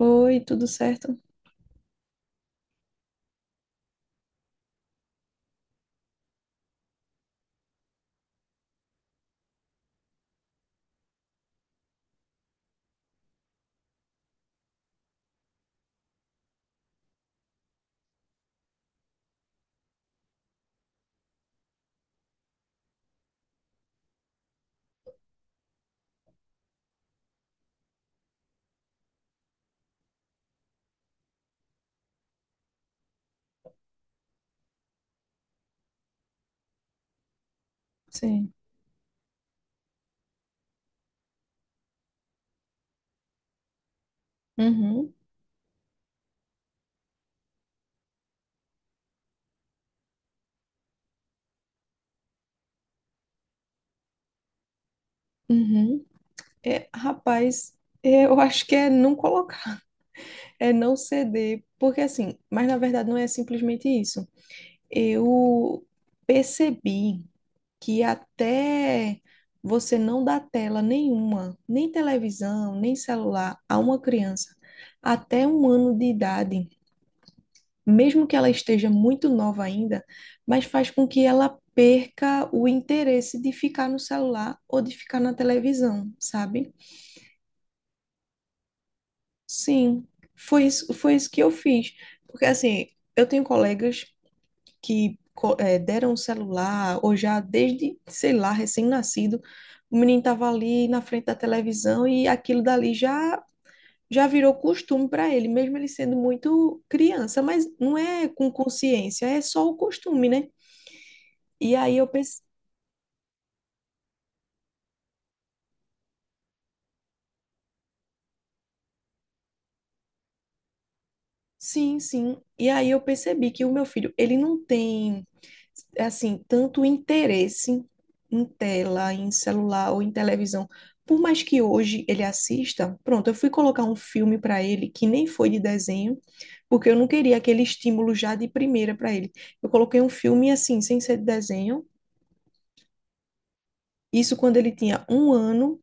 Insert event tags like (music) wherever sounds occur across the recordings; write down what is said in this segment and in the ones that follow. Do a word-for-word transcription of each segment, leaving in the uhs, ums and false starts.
Oi, tudo certo? Sim. Uhum, uhum. É, rapaz, é, eu acho que é não colocar, é não ceder, porque assim, mas na verdade não é simplesmente isso. Eu percebi que até você não dar tela nenhuma, nem televisão, nem celular a uma criança até um ano de idade, mesmo que ela esteja muito nova ainda, mas faz com que ela perca o interesse de ficar no celular ou de ficar na televisão, sabe? Sim, foi isso, foi isso que eu fiz. Porque assim, eu tenho colegas que co- eh, deram o celular, ou já desde, sei lá, recém-nascido, o menino estava ali na frente da televisão e aquilo dali já. Já virou costume para ele, mesmo ele sendo muito criança, mas não é com consciência, é só o costume, né? E aí eu pensei, sim, sim. E aí eu percebi que o meu filho, ele não tem, assim, tanto interesse em tela, em celular ou em televisão. Por mais que hoje ele assista, pronto, eu fui colocar um filme para ele que nem foi de desenho, porque eu não queria aquele estímulo já de primeira para ele. Eu coloquei um filme assim, sem ser de desenho. Isso quando ele tinha um ano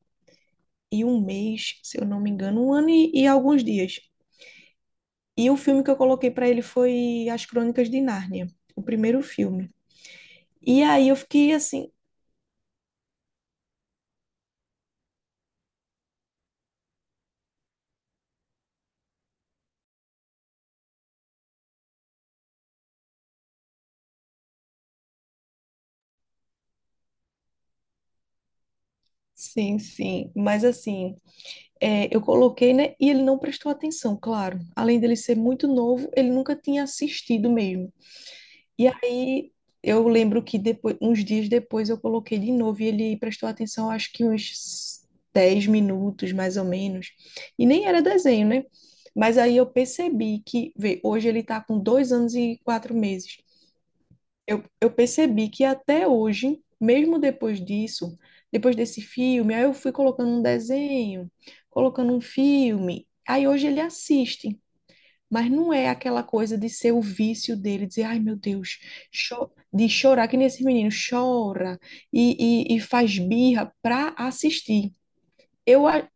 e um mês, se eu não me engano, um ano e, e alguns dias. E o filme que eu coloquei pra ele foi As Crônicas de Nárnia, o primeiro filme. E aí eu fiquei assim, sim, sim, mas assim, é, eu coloquei, né? E ele não prestou atenção, claro. Além dele ser muito novo, ele nunca tinha assistido mesmo. E aí eu lembro que depois, uns dias depois eu coloquei de novo e ele prestou atenção, acho que uns dez minutos mais ou menos. E nem era desenho, né? Mas aí eu percebi que, vê, hoje ele tá com dois anos e quatro meses. Eu, eu percebi que até hoje, mesmo depois disso, depois desse filme, aí eu fui colocando um desenho, colocando um filme. Aí hoje ele assiste, mas não é aquela coisa de ser o vício dele, dizer, ai meu Deus, cho- de chorar, que nem esse menino chora e, e, e faz birra para assistir. Eu, a-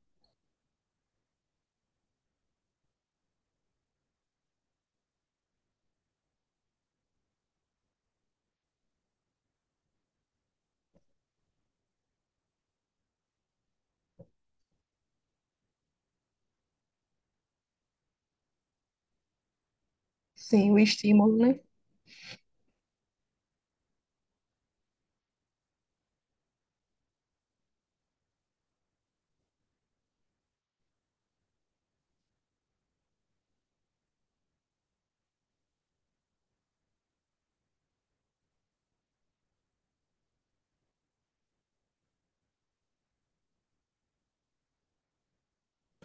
sim, o estímulo, né?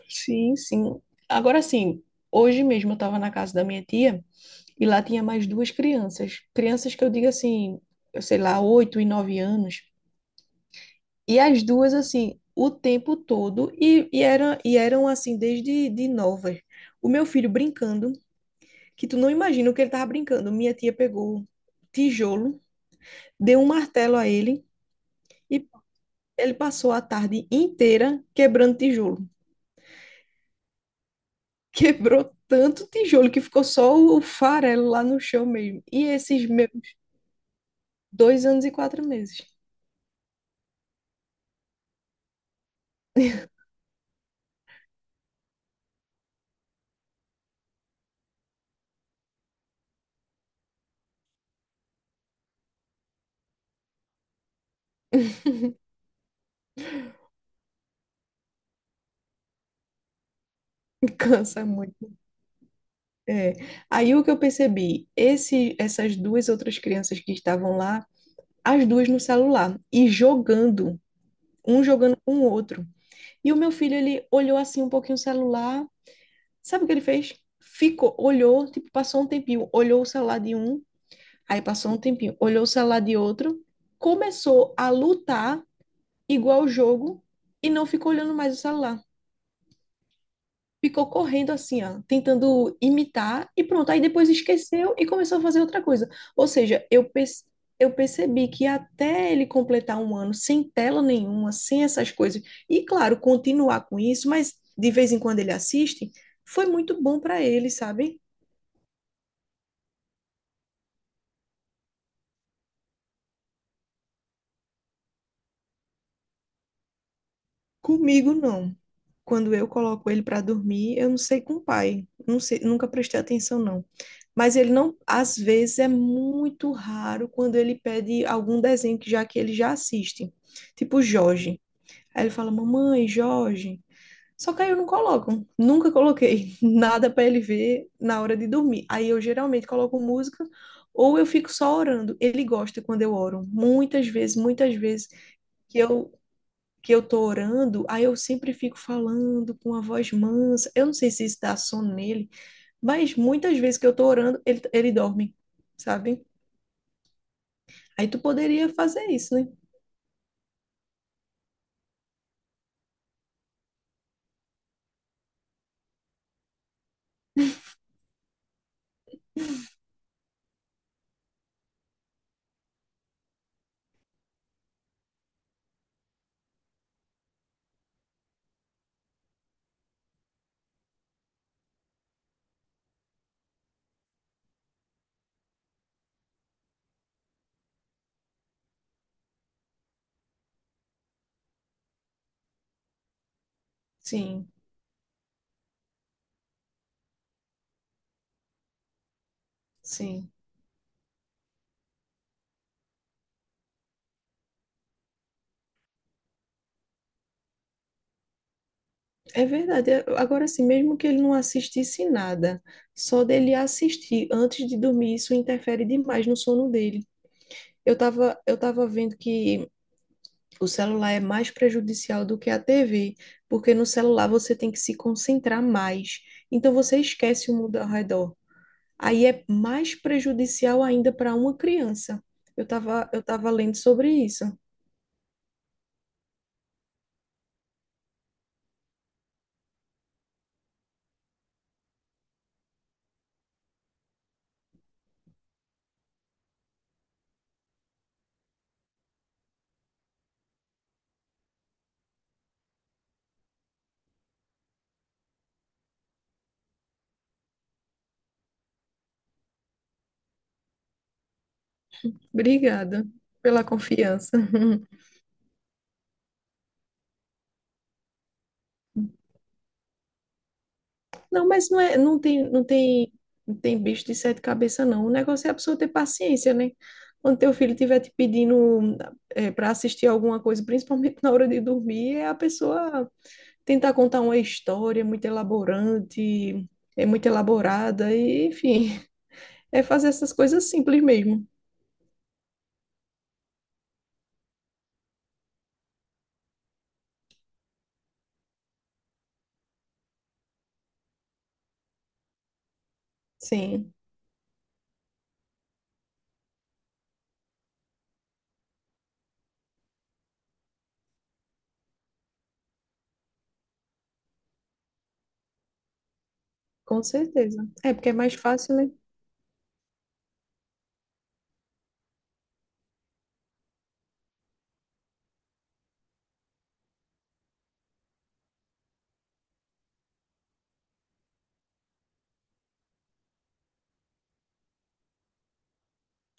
Sim, sim. Agora sim, hoje mesmo eu estava na casa da minha tia. E lá tinha mais duas crianças. Crianças que eu digo assim, eu sei lá, oito e nove anos. E as duas, assim, o tempo todo. E, e, eram e eram, assim, desde de novas. O meu filho brincando, que tu não imagina o que ele tava brincando. Minha tia pegou tijolo, deu um martelo a ele e ele passou a tarde inteira quebrando tijolo. (laughs) Quebrou tanto tijolo que ficou só o farelo lá no chão mesmo. E esses meus dois anos e quatro meses. (laughs) Cansa muito. É. Aí o que eu percebi, esse, essas duas outras crianças que estavam lá, as duas no celular e jogando, um jogando com o outro. E o meu filho, ele olhou assim um pouquinho o celular, sabe o que ele fez? Ficou, olhou, tipo, passou um tempinho, olhou o celular de um, aí passou um tempinho, olhou o celular de outro, começou a lutar igual o jogo e não ficou olhando mais o celular. Ficou correndo assim, ó, tentando imitar e pronto. Aí depois esqueceu e começou a fazer outra coisa. Ou seja, eu, pe- eu percebi que até ele completar um ano sem tela nenhuma, sem essas coisas, e claro, continuar com isso, mas de vez em quando ele assiste, foi muito bom para ele, sabe? Comigo não. Quando eu coloco ele para dormir, eu não sei com o pai. Não sei, nunca prestei atenção, não. Mas ele não, às vezes é muito raro quando ele pede algum desenho que já que ele já assiste, tipo Jorge. Aí ele fala: "Mamãe, Jorge". Só que aí eu não coloco, nunca coloquei (laughs) nada para ele ver na hora de dormir. Aí eu geralmente coloco música ou eu fico só orando. Ele gosta quando eu oro. Muitas vezes, muitas vezes que eu que eu tô orando, aí eu sempre fico falando com a voz mansa. Eu não sei se isso dá sono nele, mas muitas vezes que eu tô orando, ele, ele dorme, sabe? Aí tu poderia fazer isso, né? Sim, sim. É verdade. É. Agora, assim, mesmo que ele não assistisse nada, só dele assistir antes de dormir, isso interfere demais no sono dele. Eu tava, eu tava vendo que o celular é mais prejudicial do que a T V, porque no celular você tem que se concentrar mais. Então você esquece o mundo ao redor. Aí é mais prejudicial ainda para uma criança. Eu estava eu estava lendo sobre isso. Obrigada pela confiança. (laughs) Não, mas não é, não tem, não tem, não tem bicho de sete cabeças, não. O negócio é a pessoa ter paciência, né? Quando teu filho estiver te pedindo para assistir alguma coisa, principalmente na hora de dormir, é a pessoa tentar contar uma história muito elaborante, é muito elaborada, e, enfim, é fazer essas coisas simples mesmo. Sim. Com certeza. É porque é mais fácil, né?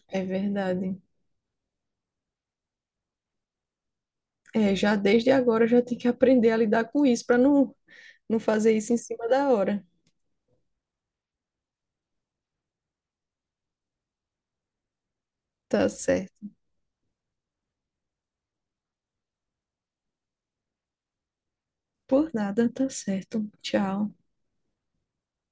É verdade. É, já desde agora já tem que aprender a lidar com isso para não, não fazer isso em cima da hora. Tá certo. Por nada, tá certo. Tchau.